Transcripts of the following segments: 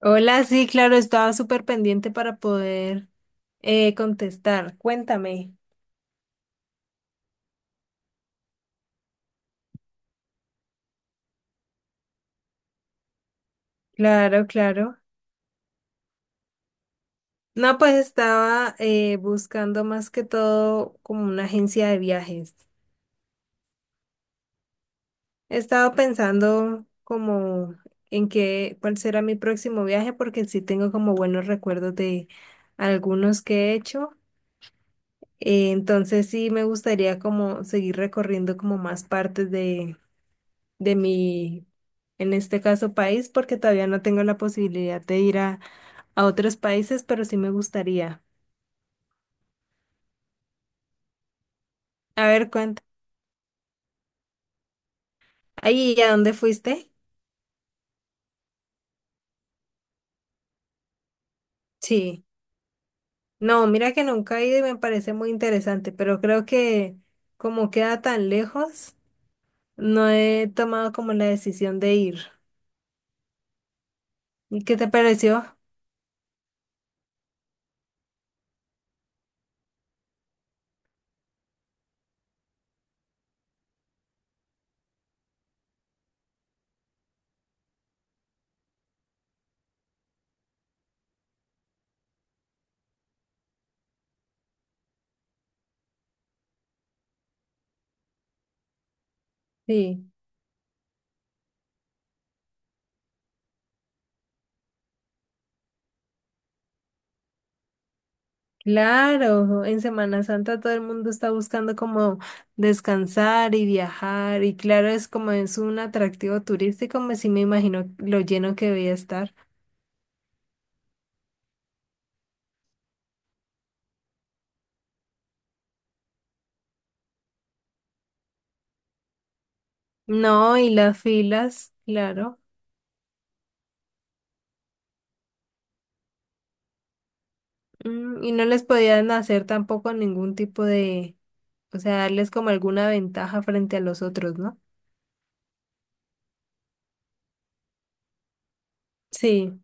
Hola, sí, claro, estaba súper pendiente para poder contestar. Cuéntame. Claro, claro. No, pues estaba buscando más que todo como una agencia de viajes. He estado pensando como en cuál será mi próximo viaje, porque sí tengo como buenos recuerdos de algunos que he hecho. Entonces sí me gustaría como seguir recorriendo como más partes de en este caso, país, porque todavía no tengo la posibilidad de ir a otros países, pero sí me gustaría. A ver, cuánto. Ahí, ¿y a dónde fuiste? Sí. No, mira que nunca he ido y me parece muy interesante, pero creo que como queda tan lejos, no he tomado como la decisión de ir. ¿Y qué te pareció? Sí. Claro, en Semana Santa todo el mundo está buscando como descansar y viajar y claro, es como es un atractivo turístico, me sí me imagino lo lleno que debía estar. No, y las filas, claro. Mm, y no les podían hacer tampoco ningún tipo de, o sea, darles como alguna ventaja frente a los otros, ¿no? Sí.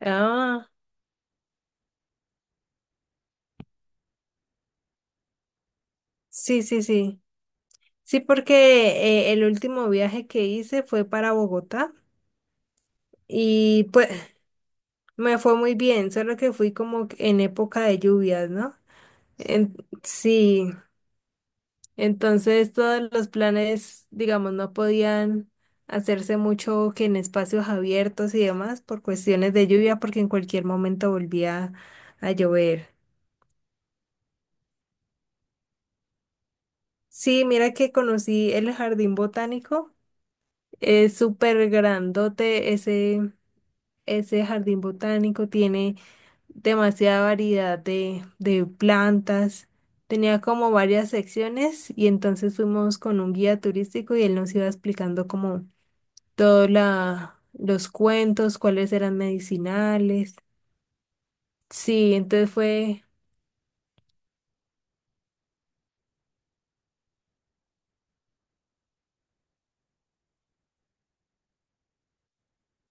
Ah, sí, sí, sí. Sí, porque el último viaje que hice fue para Bogotá. Y pues me fue muy bien, solo que fui como que en época de lluvias, ¿no? En- sí, entonces todos los planes, digamos, no podían hacerse mucho que en espacios abiertos y demás por cuestiones de lluvia, porque en cualquier momento volvía a llover. Sí, mira que conocí el jardín botánico, es súper grandote ese jardín botánico, tiene demasiada variedad de plantas. Tenía como varias secciones y entonces fuimos con un guía turístico y él nos iba explicando como todos los cuentos, cuáles eran medicinales. Sí, entonces fue...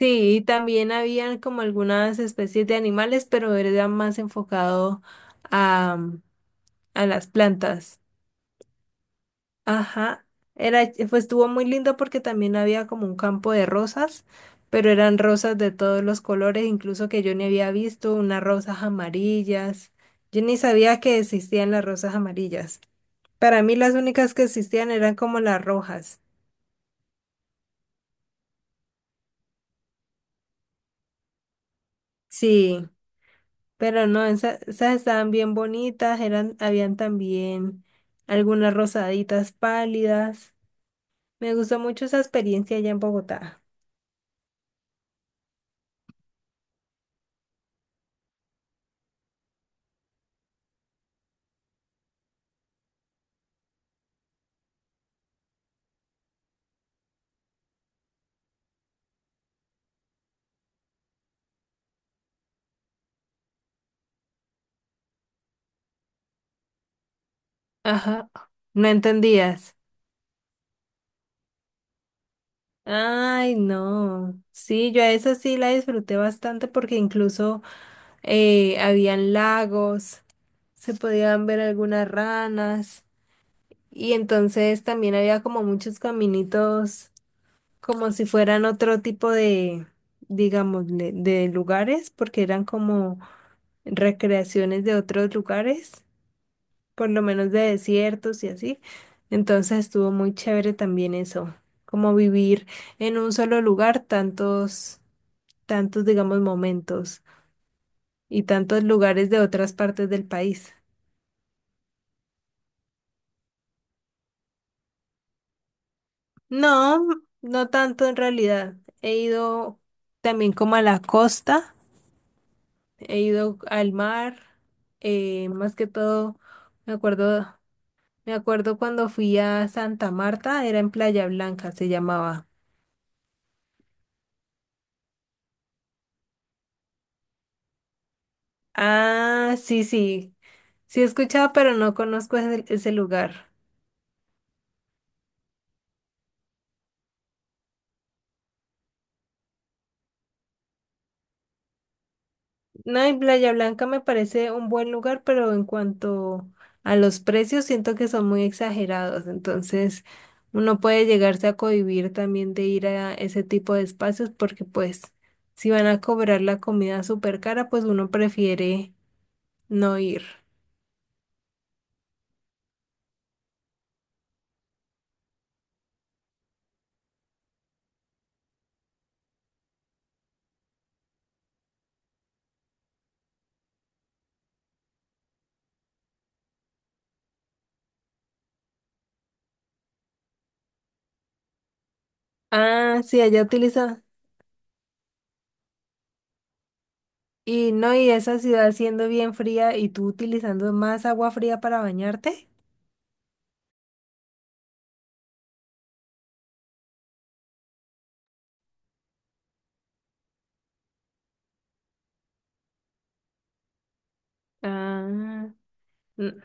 Sí, y también habían como algunas especies de animales, pero era más enfocado a, a las plantas. Ajá, era, fue estuvo muy lindo porque también había como un campo de rosas, pero eran rosas de todos los colores, incluso que yo ni había visto, unas rosas amarillas. Yo ni sabía que existían las rosas amarillas. Para mí las únicas que existían eran como las rojas. Sí, pero no, esas estaban bien bonitas, eran, habían también algunas rosaditas pálidas. Me gustó mucho esa experiencia allá en Bogotá. Ajá, no entendías. Ay, no. Sí, yo a esa sí la disfruté bastante porque incluso habían lagos, se podían ver algunas ranas y entonces también había como muchos caminitos como si fueran otro tipo de, digamos, de lugares porque eran como recreaciones de otros lugares por lo menos de desiertos y así. Entonces estuvo muy chévere también eso, como vivir en un solo lugar tantos, digamos, momentos y tantos lugares de otras partes del país. No, no tanto en realidad. He ido también como a la costa, he ido al mar, más que todo, me acuerdo, me acuerdo cuando fui a Santa Marta, era en Playa Blanca, se llamaba. Ah, sí, sí. Sí he escuchado, pero no conozco ese lugar. No, en Playa Blanca me parece un buen lugar, pero en cuanto a los precios, siento que son muy exagerados. Entonces, uno puede llegarse a cohibir también de ir a ese tipo de espacios porque pues si van a cobrar la comida súper cara, pues uno prefiere no ir. Ah, sí, allá utiliza. Y no, y esa ciudad siendo bien fría y tú utilizando más agua fría para bañarte. Ah, n-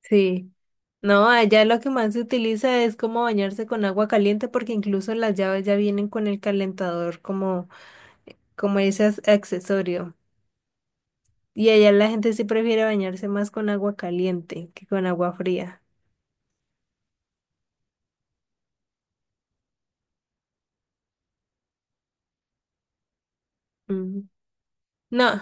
sí. No, allá lo que más se utiliza es como bañarse con agua caliente porque incluso las llaves ya vienen con el calentador como, como ese accesorio. Y allá la gente sí prefiere bañarse más con agua caliente que con agua fría. Mm. No,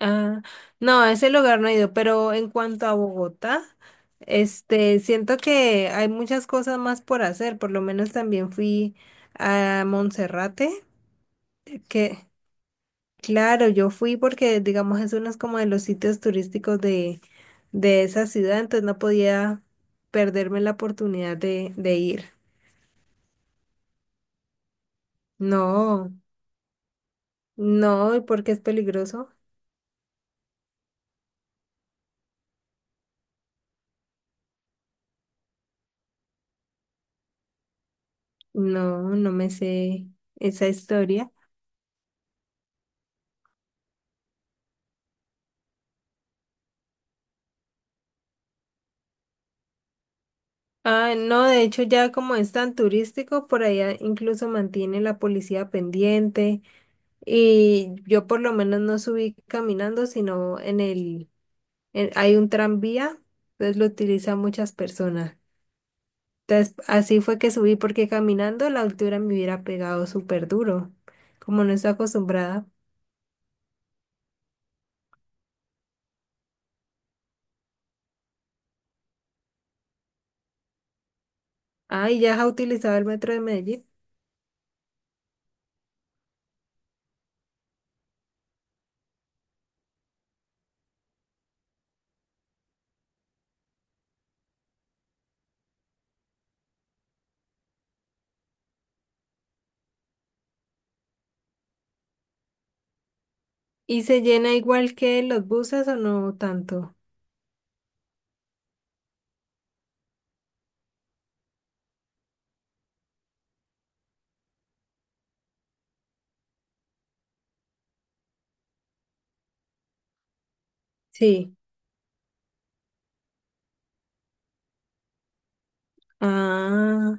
ah, no, a ese lugar no he ido, pero en cuanto a Bogotá, este, siento que hay muchas cosas más por hacer. Por lo menos también fui a Monserrate, que... Claro, yo fui porque, digamos, es uno como de los sitios turísticos de esa ciudad, entonces no podía perderme la oportunidad de ir. No, no, ¿y por qué es peligroso? No, no me sé esa historia. Ah, no, de hecho ya como es tan turístico, por allá incluso mantiene la policía pendiente y yo por lo menos no subí caminando, sino en hay un tranvía, entonces lo utilizan muchas personas. Entonces, así fue que subí porque caminando la altura me hubiera pegado súper duro, como no estoy acostumbrada. Ah, ¿y ya has utilizado el metro de Medellín? ¿Y se llena igual que los buses o no tanto? Sí. Ah,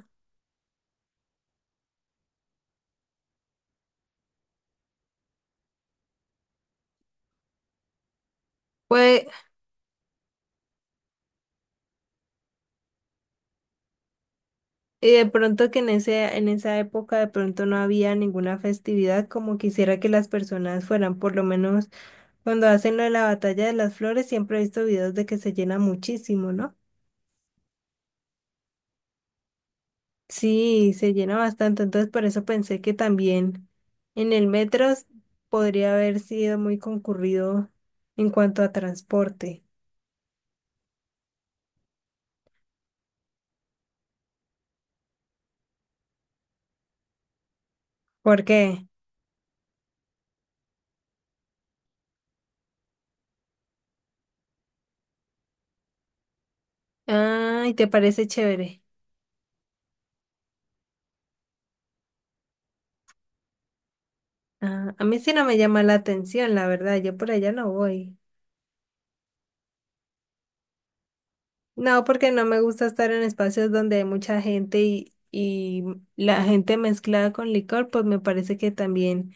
pues, y de pronto que en en esa época de pronto no había ninguna festividad como quisiera que las personas fueran, por lo menos cuando hacen lo de la batalla de las flores, siempre he visto videos de que se llena muchísimo, ¿no? Sí, se llena bastante, entonces por eso pensé que también en el podría haber sido muy concurrido en cuanto a transporte. ¿Por qué? Ay, ¿te parece chévere? Ah, a mí sí no me llama la atención, la verdad, yo por allá no voy. No, porque no me gusta estar en espacios donde hay mucha gente y la gente mezclada con licor, pues me parece que también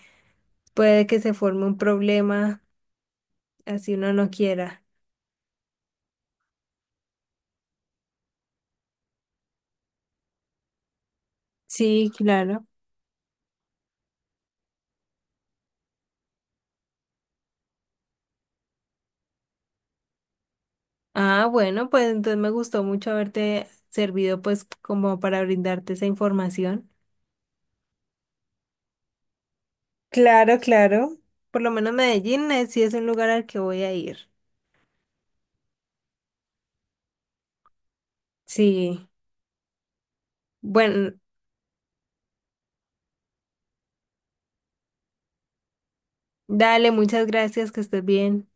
puede que se forme un problema así uno no quiera. Sí, claro. Ah, bueno, pues entonces me gustó mucho haberte servido pues como para brindarte esa información. Claro, claro. Por lo menos Medellín sí es un lugar al que voy a ir. Sí. Bueno, dale, muchas gracias, que estés bien.